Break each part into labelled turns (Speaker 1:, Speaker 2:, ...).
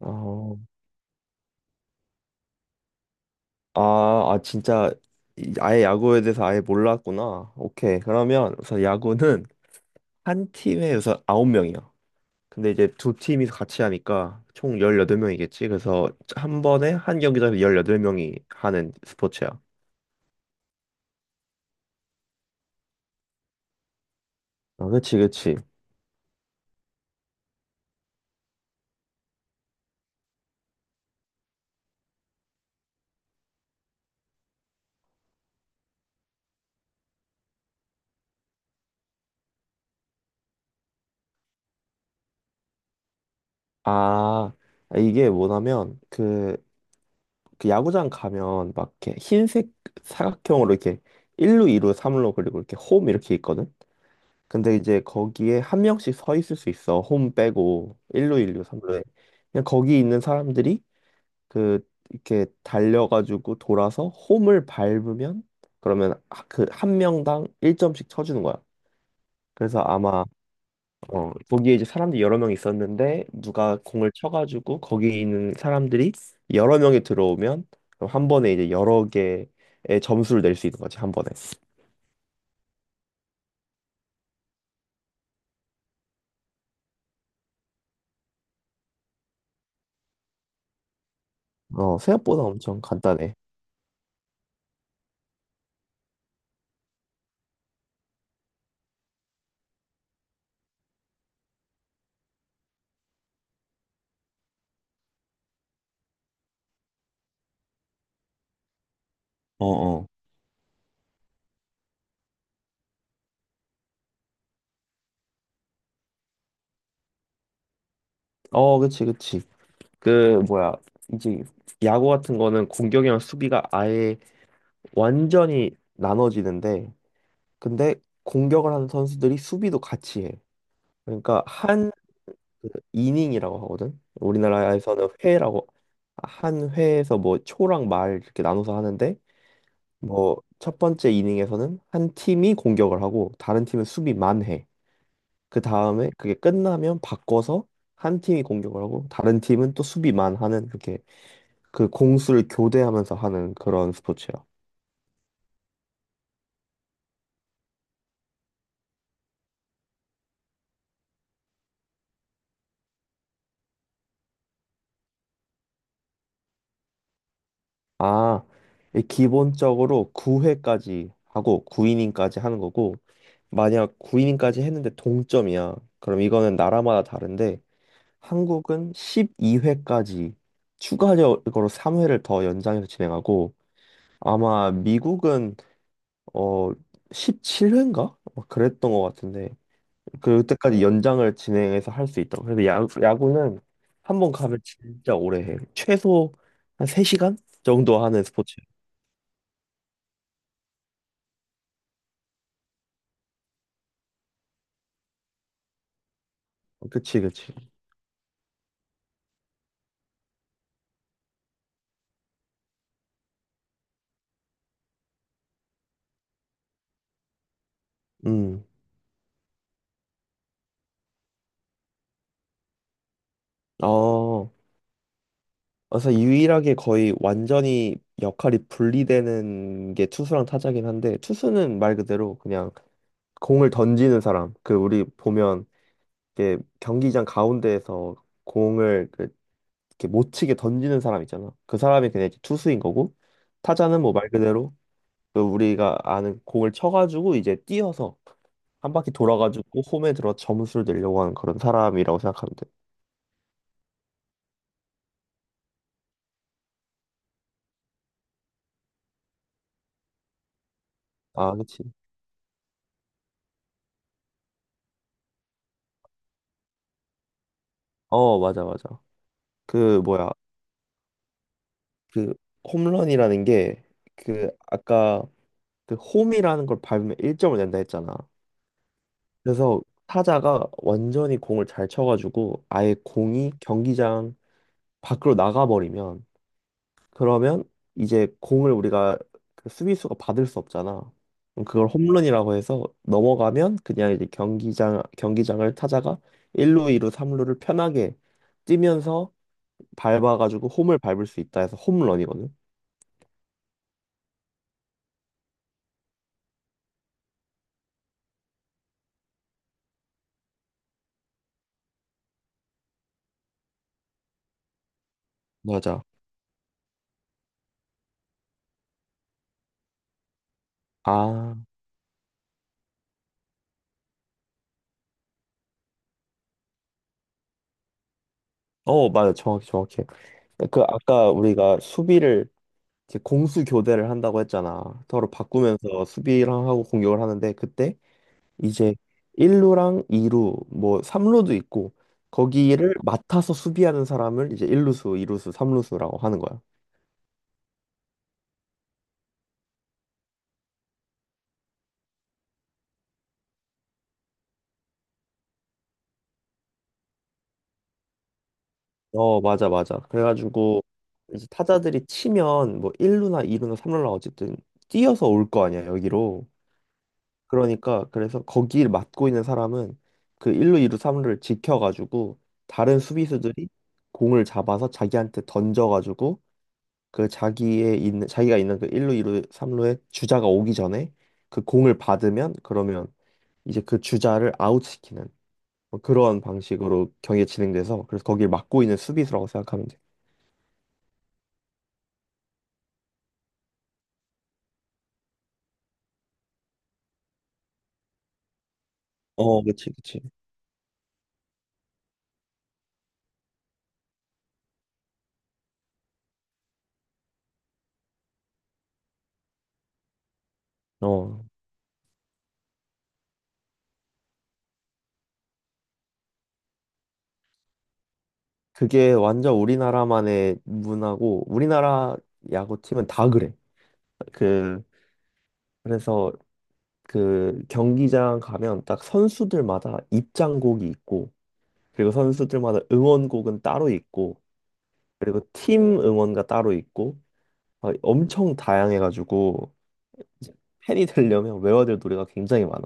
Speaker 1: 어, 아, 아, 진짜 아예 야구에 대해서 아예 몰랐구나. 오케이. 그러면 우선 야구는 한 팀에 우선 9명이야. 근데 이제 2팀이 같이 하니까 총 18명이겠지. 그래서 한 번에 한 경기장에서 18명이 하는 스포츠야. 아, 그치, 그치. 아, 이게 뭐냐면, 그 야구장 가면 막 이렇게 흰색 사각형으로 이렇게 1루, 2루, 3루, 그리고 이렇게 홈 이렇게 있거든? 근데 이제 거기에 한 명씩 서 있을 수 있어. 홈 빼고 1루, 일루 3루에. 그냥 거기 있는 사람들이 그 이렇게 달려가지고 돌아서 홈을 밟으면 그러면 그 한 명당 1점씩 쳐주는 거야. 그래서 아마 거기에 이제 사람들이 여러 명 있었는데 누가 공을 쳐가지고 거기 있는 사람들이 여러 명이 들어오면 그럼 한 번에 이제 여러 개의 점수를 낼 수 있는 거지 한 번에. 생각보다 엄청 간단해. 어어. 어, 어. 어, 그치, 그치. 그 뭐야, 이제 야구 같은 거는 공격이랑 수비가 아예 완전히 나눠지는데, 근데 공격을 하는 선수들이 수비도 같이 해. 그러니까 한그 이닝이라고 하거든. 우리나라에서는 회라고, 한 회에서 뭐 초랑 말 이렇게 나눠서 하는데, 뭐 첫 번째 이닝에서는 한 팀이 공격을 하고 다른 팀은 수비만 해. 그 다음에 그게 끝나면 바꿔서 한 팀이 공격을 하고 다른 팀은 또 수비만 하는, 그렇게 그 공수를 교대하면서 하는 그런 스포츠요. 아, 이 기본적으로 9회까지 하고 9이닝까지 하는 거고, 만약 9이닝까지 했는데 동점이야. 그럼 이거는 나라마다 다른데, 한국은 12회까지 추가적으로 3회를 더 연장해서 진행하고, 아마 미국은 어 17회인가? 그랬던 것 같은데, 그때까지 연장을 진행해서 할 수 있다고. 그래서 야, 야구는 한 번 가면 진짜 오래 해. 최소 한 3시간 정도 하는 스포츠. 그치, 그치. 음. 어, 그래서 유일하게 거의 완전히 역할이 분리되는 게 투수랑 타자긴 한데, 투수는 말 그대로 그냥 공을 던지는 사람. 그, 우리 보면, 이게 경기장 가운데에서 공을 그, 이렇게 못 치게 던지는 사람 있잖아. 그 사람이 그냥 이제 투수인 거고, 타자는 뭐 말 그대로 그 우리가 아는 공을 쳐가지고 이제 뛰어서 한 바퀴 돌아가지고 홈에 들어 점수를 내려고 하는 그런 사람이라고 생각하면 돼. 아, 그치. 어, 맞아, 맞아. 그 뭐야, 그 홈런이라는 게, 그 아까 그 홈이라는 걸 밟으면 1점을 낸다 했잖아. 그래서 타자가 완전히 공을 잘 쳐가지고 아예 공이 경기장 밖으로 나가버리면 그러면 이제 공을 우리가 그 수비수가 받을 수 없잖아. 그럼 그걸 홈런이라고 해서 넘어가면, 그냥 이제 경기장을 타자가 1루, 2루, 3루를 편하게 뛰면서 밟아가지고 홈을 밟을 수 있다 해서 홈런이거든. 맞아. 아, 어, 맞아. 정확히 정확해. 그 아까 우리가 수비를, 이제 공수 교대를 한다고 했잖아. 서로 바꾸면서 수비랑 하고 공격을 하는데, 그때 이제 1루랑 2루, 뭐 3루도 있고, 거기를 맡아서 수비하는 사람을 이제 1루수, 2루수, 3루수라고 하는 거야. 어, 맞아, 맞아. 그래가지고 이제 타자들이 치면 뭐 1루나 2루나 3루나 어쨌든 뛰어서 올 거 아니야, 여기로. 그러니까, 그래서 거기를 맡고 있는 사람은 그 1루, 2루, 3루를 지켜가지고, 다른 수비수들이 공을 잡아서 자기한테 던져가지고 그 자기의 있는, 자기가 있는 그 1루, 2루, 3루에 주자가 오기 전에 그 공을 받으면, 그러면 이제 그 주자를 아웃시키는, 뭐 그런 방식으로 경기가 진행돼서, 그래서 거기를 막고 있는 수비수라고 생각하면 돼. 어, 그치, 그치. 어, 그게 완전 우리나라만의 문화고 우리나라 야구팀은 다 그래. 그 그래서 그 경기장 가면 딱 선수들마다 입장곡이 있고, 그리고 선수들마다 응원곡은 따로 있고, 그리고 팀 응원가 따로 있고, 막 엄청 다양해가지고 이제 팬이 되려면 외워야 될 노래가 굉장히 많아.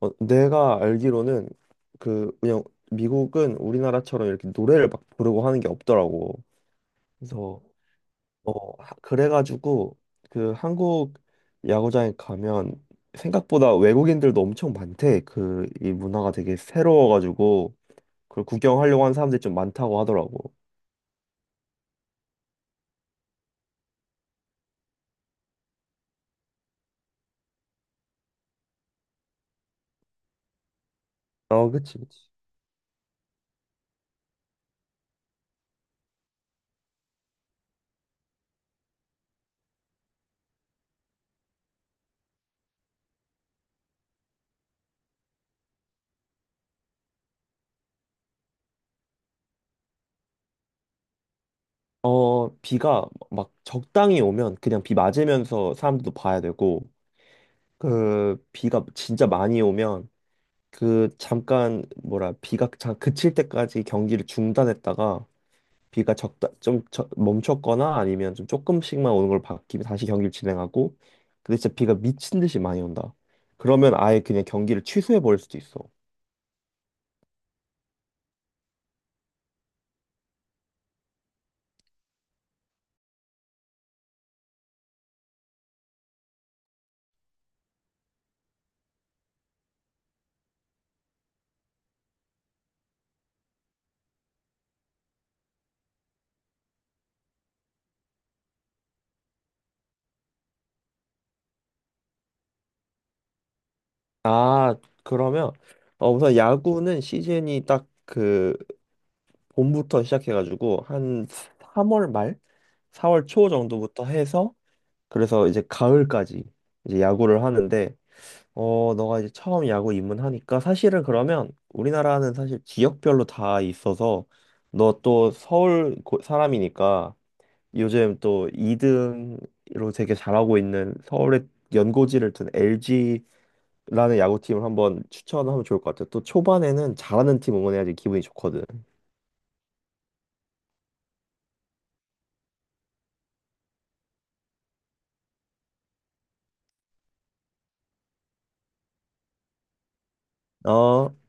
Speaker 1: 어, 내가 알기로는 그냥 미국은 우리나라처럼 이렇게 노래를 막 부르고 하는 게 없더라고. 그래서 그래가지고 그 한국 야구장에 가면 생각보다 외국인들도 엄청 많대. 그 이 문화가 되게 새로워가지고 그걸 구경하려고 하는 사람들이 좀 많다고 하더라고. 어, 그치, 그치. 어, 비가 막 적당히 오면 그냥 비 맞으면서 사람들도 봐야 되고, 그 비가 진짜 많이 오면 그 잠깐 뭐라 비가 잠 그칠 때까지 경기를 중단했다가, 비가 적다 좀 멈췄거나 아니면 좀 조금씩만 오는 걸 바뀌면 다시 경기를 진행하고, 근데 진짜 비가 미친 듯이 많이 온다. 그러면 아예 그냥 경기를 취소해 버릴 수도 있어. 아, 그러면 어, 우선 야구는 시즌이 딱그 봄부터 시작해가지고 한 3월 말, 4월 초 정도부터 해서, 그래서 이제 가을까지 이제 야구를 하는데, 너가 이제 처음 야구 입문하니까 사실은, 그러면 우리나라는 사실 지역별로 다 있어서, 너 또 서울 사람이니까 요즘 또 2등으로 되게 잘하고 있는 서울의 연고지를 둔 LG라는 야구팀을 한번 추천하면 좋을 것 같아. 또 초반에는 잘하는 팀 응원해야지 기분이 좋거든. 어.